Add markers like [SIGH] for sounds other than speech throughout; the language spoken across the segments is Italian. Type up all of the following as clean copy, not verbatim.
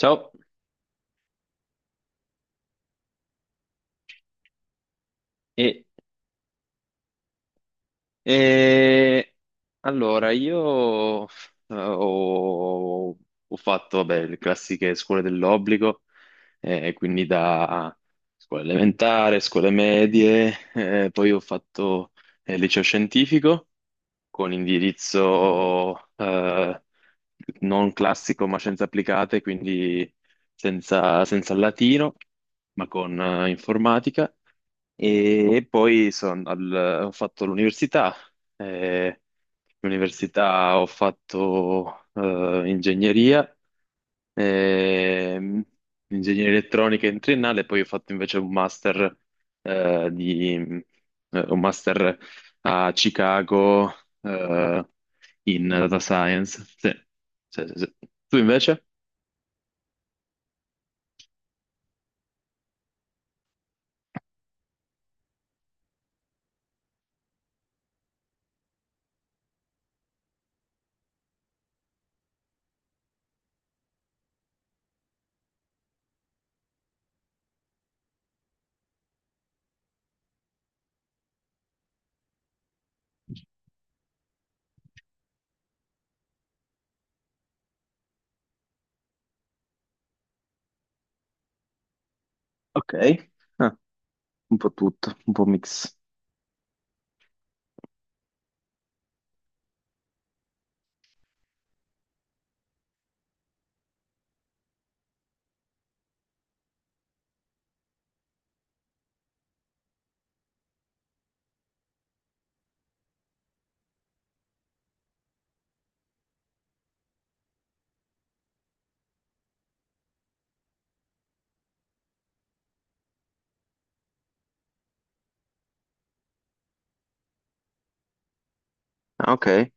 Ciao, e, e- allora io ho fatto vabbè, le classiche scuole dell'obbligo, quindi da scuola elementare, scuole medie, poi ho fatto liceo scientifico con indirizzo non classico ma scienze applicate, quindi senza latino, ma con informatica. E poi ho fatto l'università. eh, L'università ho fatto ingegneria ehm, ingegneria elettronica in triennale, poi ho fatto invece un master, un master a Chicago, eh, in data science. Sì, sì. Tu invece? Ok. Ah, un po' tutto, un po' mix. Ah, ok.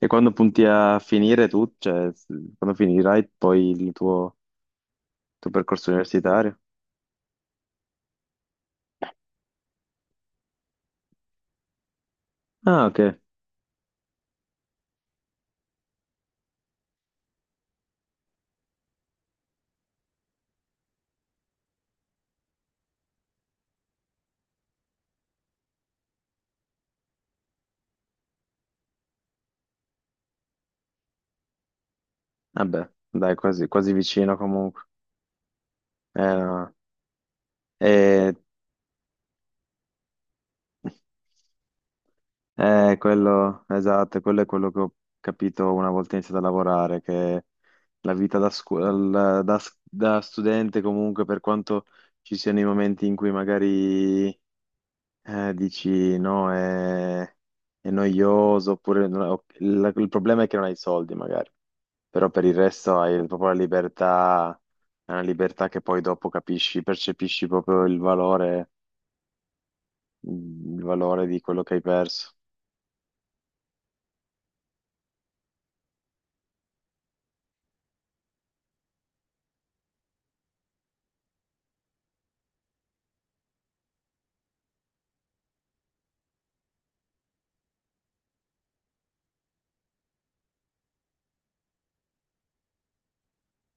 E quando punti a finire tu, quando finirai poi tuo percorso universitario? Ah, ok. Vabbè, dai, quasi vicino comunque. No. E quello, esatto, quello è quello che ho capito una volta iniziato a lavorare, che la vita da, scu- al- da s- da studente comunque, per quanto ci siano i momenti in cui magari dici no, è noioso, oppure il problema è che non hai i soldi magari, però per il resto hai proprio la libertà, è una libertà che poi dopo capisci, percepisci proprio il valore di quello che hai perso.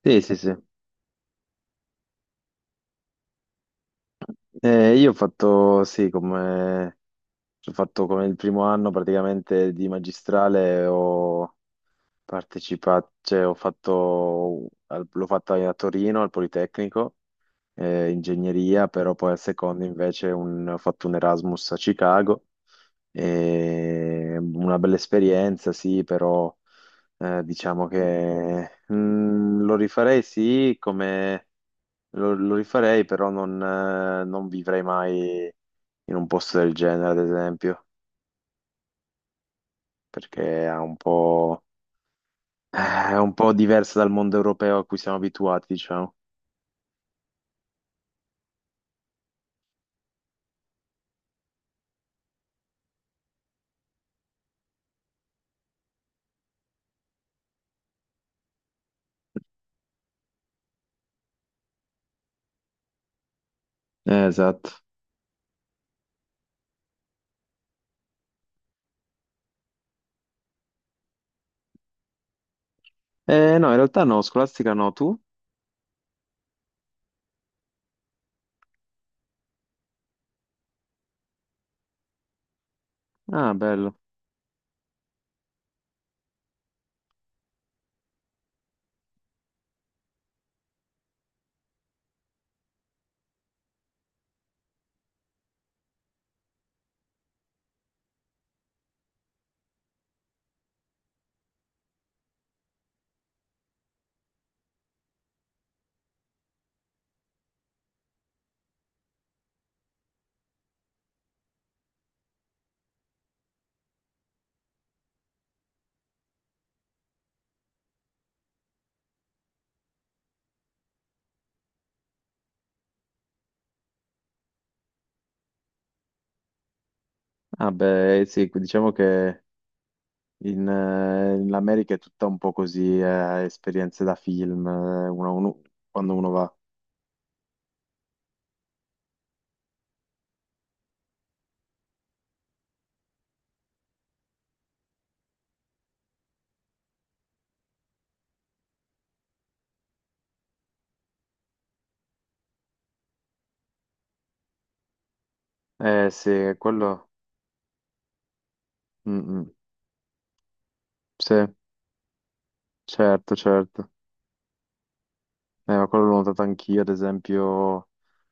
Sì, sì. Io ho fatto, sì, come, ho fatto come il primo anno praticamente di magistrale, ho partecipato, cioè ho fatto, l'ho fatta a Torino al Politecnico, ingegneria, però poi al secondo invece ho fatto un Erasmus a Chicago, e una bella esperienza, sì, però diciamo che lo rifarei, sì, come lo rifarei, però non vivrei mai in un posto del genere, ad esempio, perché è un po' diverso dal mondo europeo a cui siamo abituati, diciamo. Esatto. No, in realtà no, scolastica no, tu? Ah, bello. Ah, beh, sì, diciamo che in America è tutta un po' così, esperienze da film, quando uno va. Sì, quello... Mm, mm. Sì, certo, certo. Ma quello l'ho notato anch'io, ad esempio,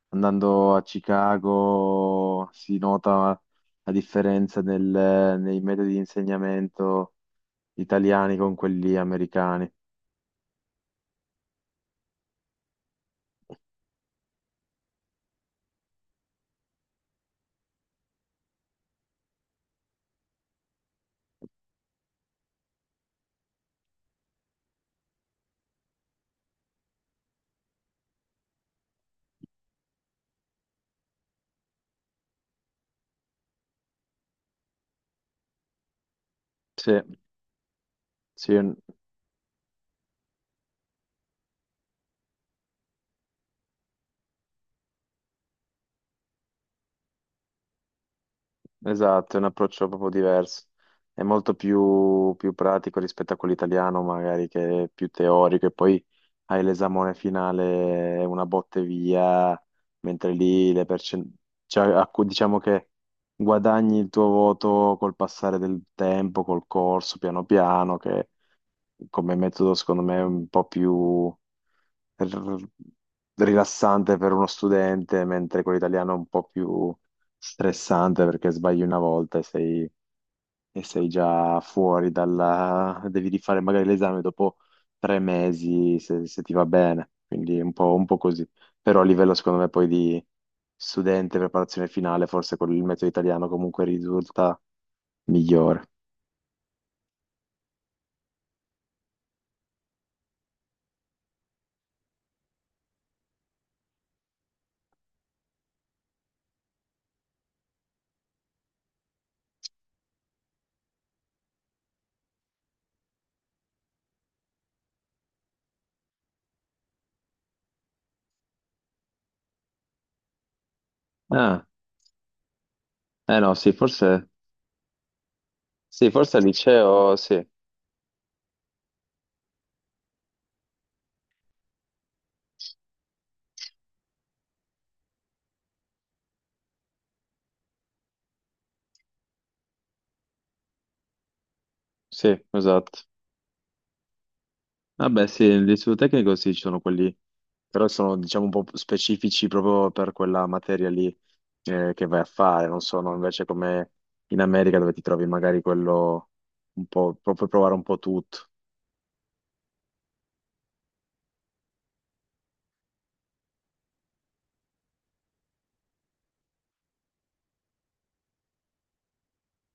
andando a Chicago si nota la differenza nei metodi di insegnamento italiani con quelli americani. Sì, sì. Esatto, è un approccio proprio diverso. È molto più, più pratico rispetto a quello italiano, magari che è più teorico, e poi hai l'esamone finale, è una botte via, mentre lì le percen- cioè, a cui- diciamo che guadagni il tuo voto col passare del tempo, col corso, piano piano, che come metodo secondo me è un po' più r- rilassante per uno studente, mentre quello italiano è un po' più stressante perché sbagli una volta e sei già fuori dalla... devi rifare magari l'esame dopo 3 mesi se, se ti va bene, quindi è un po' così. Però a livello secondo me poi di studente, preparazione finale, forse con il metodo italiano comunque risulta migliore. Ah, eh no, sì, forse al liceo, sì, sì, esatto. Vabbè, sì, l'istituto tecnico sì, ci sono quelli, però sono diciamo un po' specifici proprio per quella materia lì che vai a fare, non sono invece come in America dove ti trovi magari quello un po', puoi provare un po' tutto.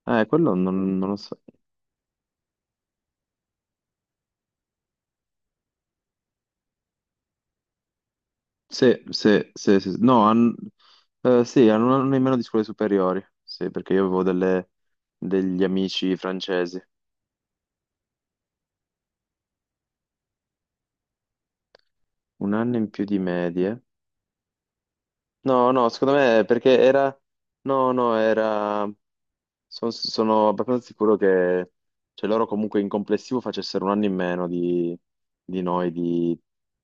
Quello non, non lo so. Sì, sì. no, han- Sì, hanno un anno in meno di scuole superiori, sì, perché io avevo degli amici francesi, un anno in più di medie. No, no, secondo me è perché era... No, no, era. Sono abbastanza sicuro che cioè, loro comunque in complessivo facessero un anno in meno di noi, di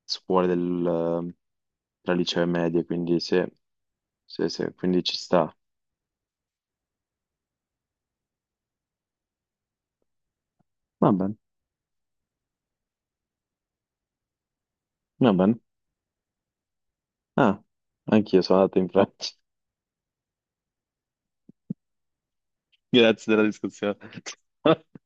scuole del, tra liceo e medie, quindi sì, sì, quindi ci sta. Va bene, va bene. Ah, anch'io sono andato in Francia. [LAUGHS] Grazie della discussione. [LAUGHS]